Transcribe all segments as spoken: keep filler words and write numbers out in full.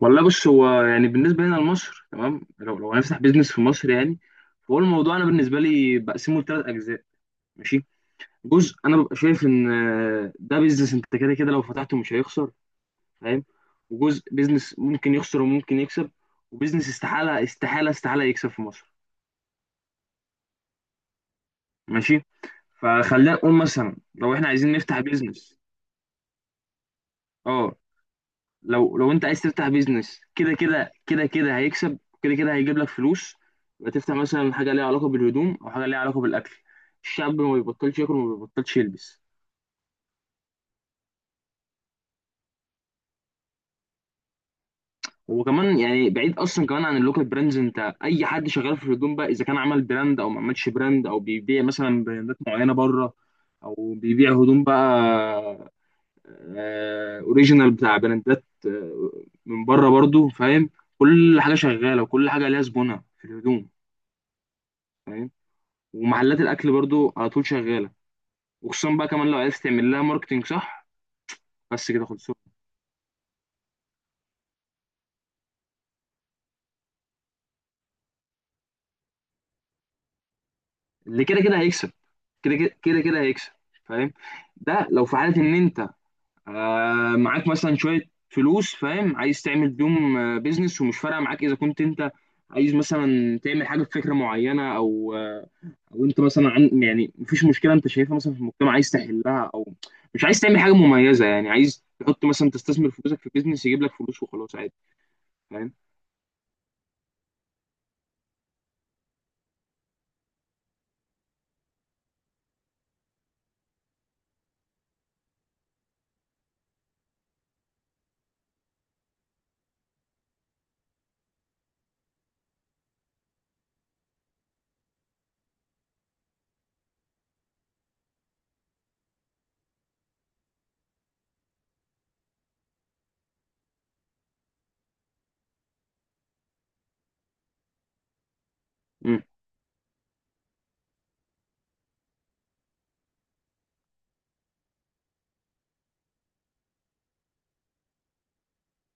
والله، بص. هو يعني بالنسبه لنا لمصر، تمام. لو لو هنفتح بيزنس في مصر، يعني. فهو الموضوع، انا بالنسبه لي بقسمه لثلاث اجزاء. ماشي. جزء انا ببقى شايف ان آه، ده بيزنس انت كده كده لو فتحته مش هيخسر. فاهم. وجزء بيزنس ممكن يخسر وممكن يكسب. وبيزنس استحاله استحاله استحاله يكسب في مصر. ماشي. فخلينا نقول مثلا لو احنا عايزين نفتح بيزنس. اه. لو لو انت عايز تفتح بيزنس، كده كده كده كده هيكسب، كده كده هيجيب لك فلوس. يبقى تفتح مثلا حاجه ليها علاقه بالهدوم او حاجه ليها علاقه بالاكل. الشعب ما بيبطلش ياكل وما بيبطلش يلبس. وكمان يعني بعيد اصلا كمان عن اللوكال براندز، انت اي حد شغال في الهدوم بقى، اذا كان عمل براند او ما عملش براند او بيبيع مثلا براندات معينه بره، او بيبيع هدوم بقى اوريجينال بتاع براندات آه، من بره برضو. فاهم. كل حاجه شغاله وكل حاجه ليها زبونها في الهدوم. فاهم. ومحلات الاكل برضو على طول شغاله. وخصوصا بقى كمان لو عرفت تعمل لها ماركتنج صح. بس كده خلصوا. اللي كده كده هيكسب، كده كده كده كده هيكسب. فاهم. ده لو في حاله ان انت آه معاك مثلا شويه فلوس، فاهم، عايز تعمل بيهم آه، بيزنس ومش فارقه معاك، اذا كنت انت عايز مثلا تعمل حاجه بفكره معينه او آه، او انت مثلا عن يعني مفيش مشكله انت شايفها مثلا في المجتمع عايز تحلها، او مش عايز تعمل حاجه مميزه يعني، عايز تحط مثلا تستثمر فلوسك في بيزنس يجيب لك فلوس وخلاص، عادي. فاهم. مم.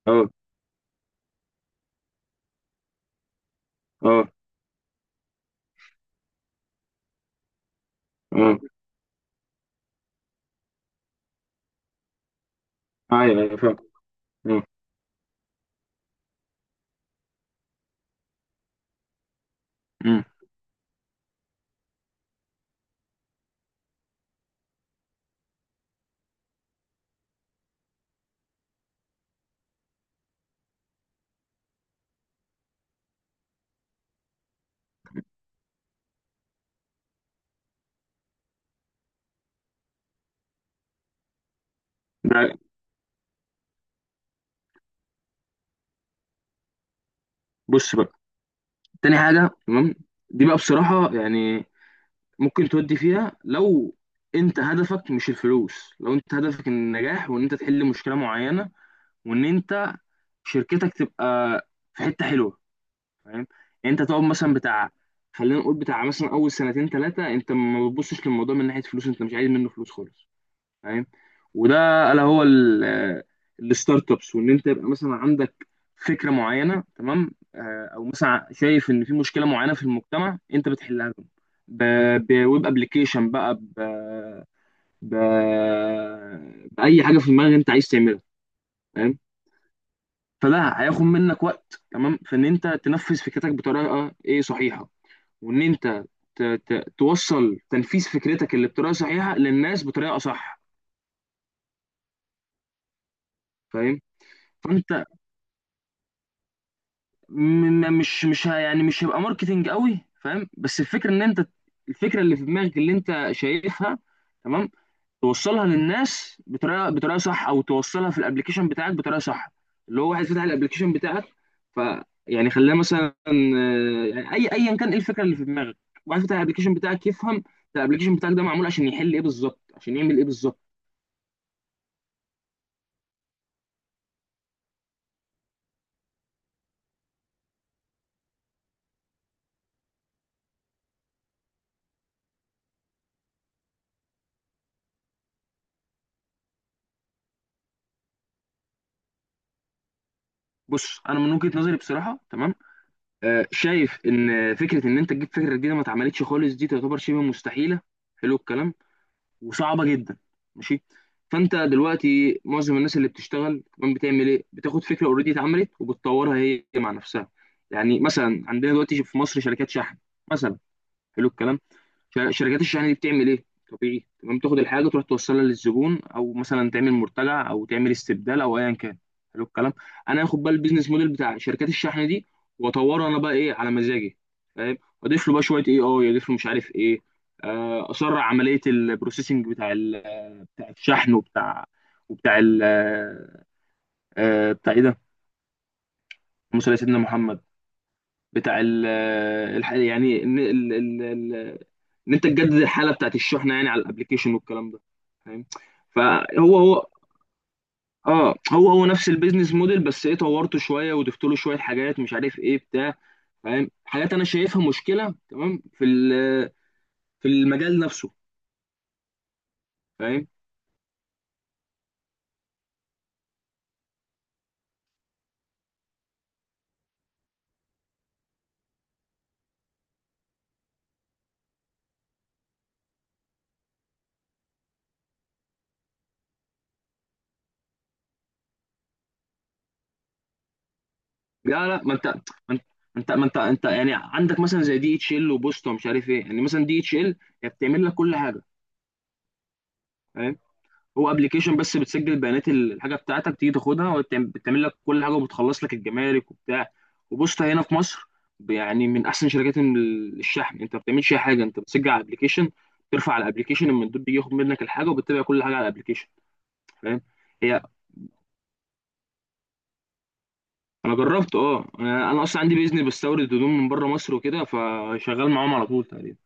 اه اه اه. ايوه، ايوه فاهم. اه. امم. ده بص بقى، تاني حاجه تمام. دي بقى بصراحه يعني ممكن تودي فيها لو انت هدفك مش الفلوس، لو انت هدفك النجاح وان انت تحل مشكله معينه وان انت شركتك تبقى في حته حلوه. فاهم. يعني انت تقعد مثلا بتاع، خلينا نقول بتاع مثلا اول سنتين ثلاثه، انت ما بتبصش للموضوع من ناحيه فلوس، انت مش عايز منه فلوس خالص. فاهم. وده الا هو ال- الستارت ابس، وان انت يبقى مثلا عندك فكره معينه، تمام، آه، او مثلا شايف ان في مشكله معينه في المجتمع انت بتحلها لهم، ب- بويب ابلكيشن بقى، ب... ب... باي حاجه في دماغك انت عايز تعملها. فاهم. فده هياخد منك وقت، تمام، في ان انت تنفذ فكرتك بطريقه ايه صحيحه، وان انت ت... ت... توصل تنفيذ فكرتك اللي بطريقه صحيحه للناس بطريقه صح. فاهم. فانت م- م- مش مش ه- يعني مش هيبقى ماركتينج قوي، فاهم، بس الفكره ان انت، الفكره اللي في دماغك اللي انت شايفها، تمام، توصلها للناس بطريقه بطريقه صح، او توصلها في الابلكيشن بتاعك بطريقه صح. اللي هو واحد فتح الابلكيشن بتاعك، ف، يعني خلاه مثلا آه، يعني اي ايا كان ايه الفكره اللي في دماغك، واحد فتح الابلكيشن بتاعك يفهم الابلكيشن بتاعك ده معمول عشان يحل ايه بالظبط، عشان يعمل ايه بالظبط. بص انا من وجهه نظري بصراحه، تمام، آه، شايف ان فكره ان انت تجيب فكره جديده ما اتعملتش خالص، دي تعتبر شبه مستحيله. حلو الكلام. وصعبه جدا. ماشي. فانت دلوقتي معظم الناس اللي بتشتغل كمان بتعمل ايه؟ بتاخد فكره اوريدي اتعملت وبتطورها هي مع نفسها. يعني مثلا عندنا دلوقتي في مصر شركات شحن مثلا. حلو الكلام. فشركات الشحن دي بتعمل ايه؟ طبيعي، تمام، تاخد الحاجه تروح توصلها للزبون، او مثلا تعمل مرتجع، او تعمل استبدال، او ايا كان. حلو الكلام. انا هاخد بقى البيزنس موديل بتاع شركات الشحن دي واطوره انا بقى ايه على مزاجي. فاهم. اضيف له بقى شويه، اي اي اضيف له مش عارف ايه، آه، اسرع عمليه البروسيسنج بتاع ال- بتاع الشحن وبتاع، وبتاع ال آه، بتاع ايه ده؟ اللهم صل على سيدنا محمد. بتاع ال آه، الح- يعني ان انت تجدد الحاله بتاعت الشحنه يعني على الابلكيشن والكلام ده. فاهم. فهو هو، اه هو هو نفس البيزنس موديل، بس ايه؟ طورته شويه وضفت له شويه حاجات مش عارف ايه بتاع، فاهم، حاجات انا شايفها مشكله، تمام، في ال- في المجال نفسه. فاهم. لا لا، ما انت ما انت ما انت ما انت انت يعني عندك مثلا زي دي اتش ال وبوسطه ومش عارف ايه، يعني مثلا دي اتش ال هي بتعمل لك كل حاجه. فاهم؟ هو ابلكيشن بس بتسجل بيانات الحاجه بتاعتك، تيجي تاخدها وبتعمل لك كل حاجه وبتخلص لك الجمارك وبتاع. وبص هنا في مصر، يعني من احسن شركات ال- الشحن انت ما بتعملش اي حاجه، انت بتسجل على الابلكيشن، ترفع على الابلكيشن، المندوب بيجي ياخد منك الحاجه وبتتابع كل حاجه على الابلكيشن. فاهم. هي انا جربت، اه، انا أنا اصلا عندي بيزنس بستورد هدوم من بره مصر وكده، فشغال معاهم على طول تقريبا.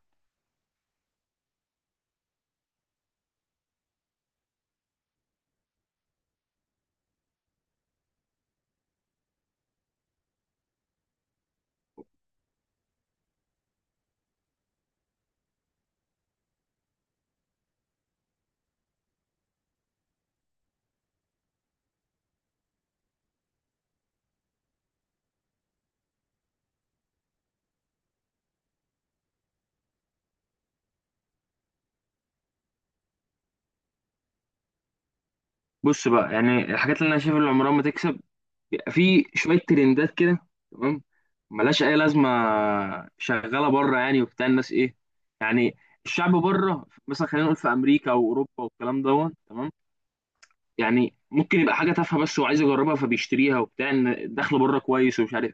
بص بقى، يعني الحاجات اللي انا شايف اللي عمرها ما تكسب، بيبقى في شويه ترندات كده، تمام، ملهاش اي لازمه، شغاله بره يعني وبتاع. الناس ايه يعني؟ الشعب بره مثلا، خلينا نقول في امريكا او اوروبا والكلام دوت، تمام، يعني ممكن يبقى حاجه تافهه بس وعايز يجربها فبيشتريها وبتاع، ان الدخل بره كويس ومش عارف.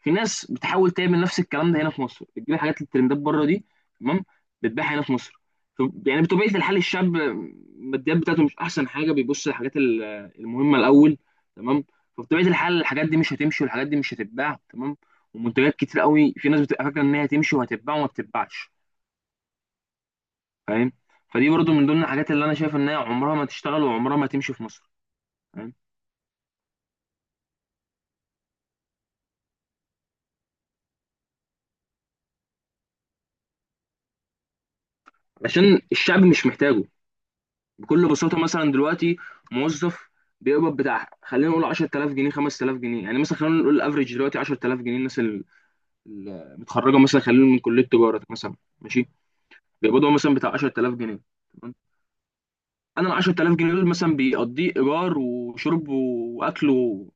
في ناس بتحاول تعمل نفس الكلام ده هنا في مصر، بتجيب الحاجات الترندات بره دي، تمام، بتبيعها هنا في مصر. طب- يعني بطبيعه الحال الشاب الماديات بتاعته مش احسن حاجه، بيبص للحاجات ال- المهمه الاول، تمام، فبطبيعه الحال الحاجات دي مش هتمشي، والحاجات دي مش هتتباع، تمام. ومنتجات كتير قوي في ناس بتبقى فاكره ان هي هتمشي وهتتباع وما بتتباعش. فاهم. فدي برضو من ضمن الحاجات اللي انا شايف ان هي عمرها ما تشتغل وعمرها ما تمشي في مصر. فاهم. عشان الشعب مش محتاجه. بكل بساطه، مثلا دلوقتي موظف بيقبض بتاع، خلينا نقول عشر آلاف جنيه، خمسة آلاف جنيه، يعني مثلا خلينا نقول الافريج دلوقتي عشرة آلاف جنيه، الناس ال- المتخرجه مثلا، خلينا نقول من كليه تجاره مثلا. ماشي. بيقبضوا مثلا بتاع عشرة آلاف جنيه، تمام؟ انا ال عشرة آلاف جنيه دول مثلا بيقضيه ايجار وشرب واكل و-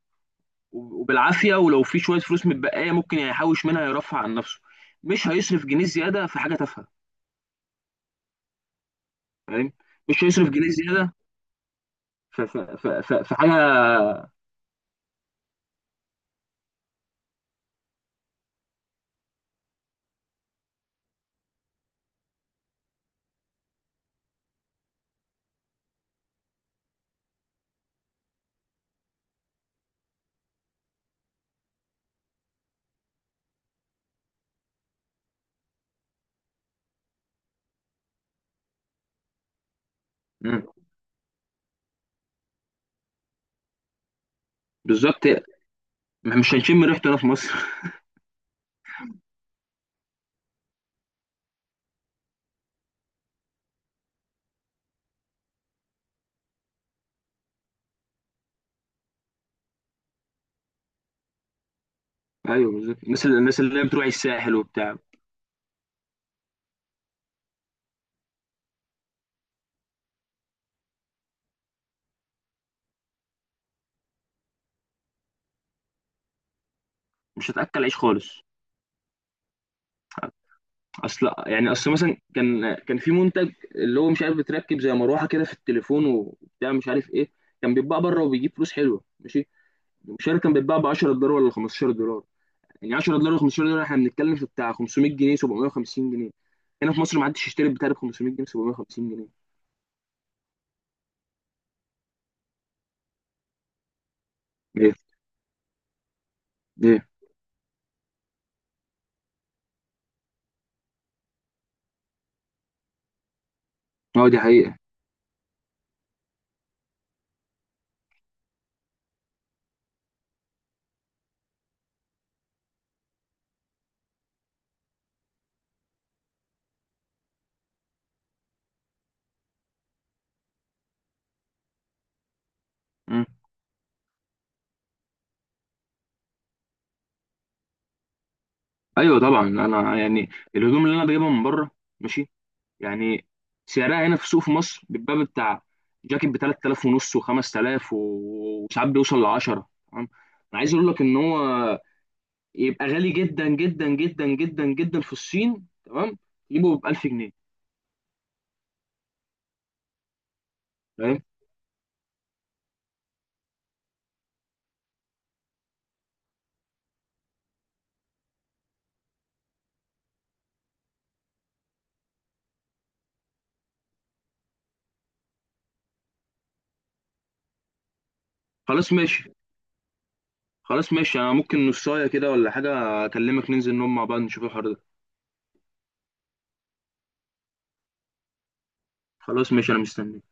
وبالعافيه، ولو في شويه فلوس متبقيه ممكن يحوش منها يرفع عن نفسه. مش هيصرف جنيه زياده في حاجه تافهه. فاهم. مش هيصرف جنيه زياده في في في في في حاجه. مم. بالظبط. ما- مش هنشم ريحته هنا في مصر. ايوه بالظبط، الناس اللي الناس اللي هي بتروح الساحل وبتاع، مش هتاكل عيش خالص. اصل يعني اصل مثلا، كان كان في منتج اللي هو مش عارف بتركب زي مروحه كده في التليفون وبتاع مش عارف ايه، كان بيتباع بره وبيجيب فلوس حلوه، ماشي. مش عارف كان بيتباع ب عشرة دولار ولا خمسة عشر دولار، يعني عشرة دولار و15 دولار احنا بنتكلم في بتاع خمسمائة جنيه، سبعمائة وخمسين جنيه. هنا في مصر ما حدش يشتري بتاع ب خمسمية جنيه، سبعمائة وخمسين جنيه. ايه، ايه، اه دي حقيقه. مم. ايوه طبعا، انا يعني الهدوم اللي انا بجيبها من بره، ماشي، يعني سعرها هنا في السوق في مصر بيبقى بتاع جاكيت ب تلات تلاف ونص و5000، وساعات بيوصل ل عشرة، تمام. انا عايز اقول لك ان هو يبقى غالي جدا جدا جدا جدا جدا في الصين، تمام، يجيبه ب ألف جنيه. فاهم. خلاص ماشي. خلاص ماشي، انا ممكن نصايه كده ولا حاجه اكلمك ننزل نقعد مع بعض نشوف الحوار ده. خلاص ماشي انا مستني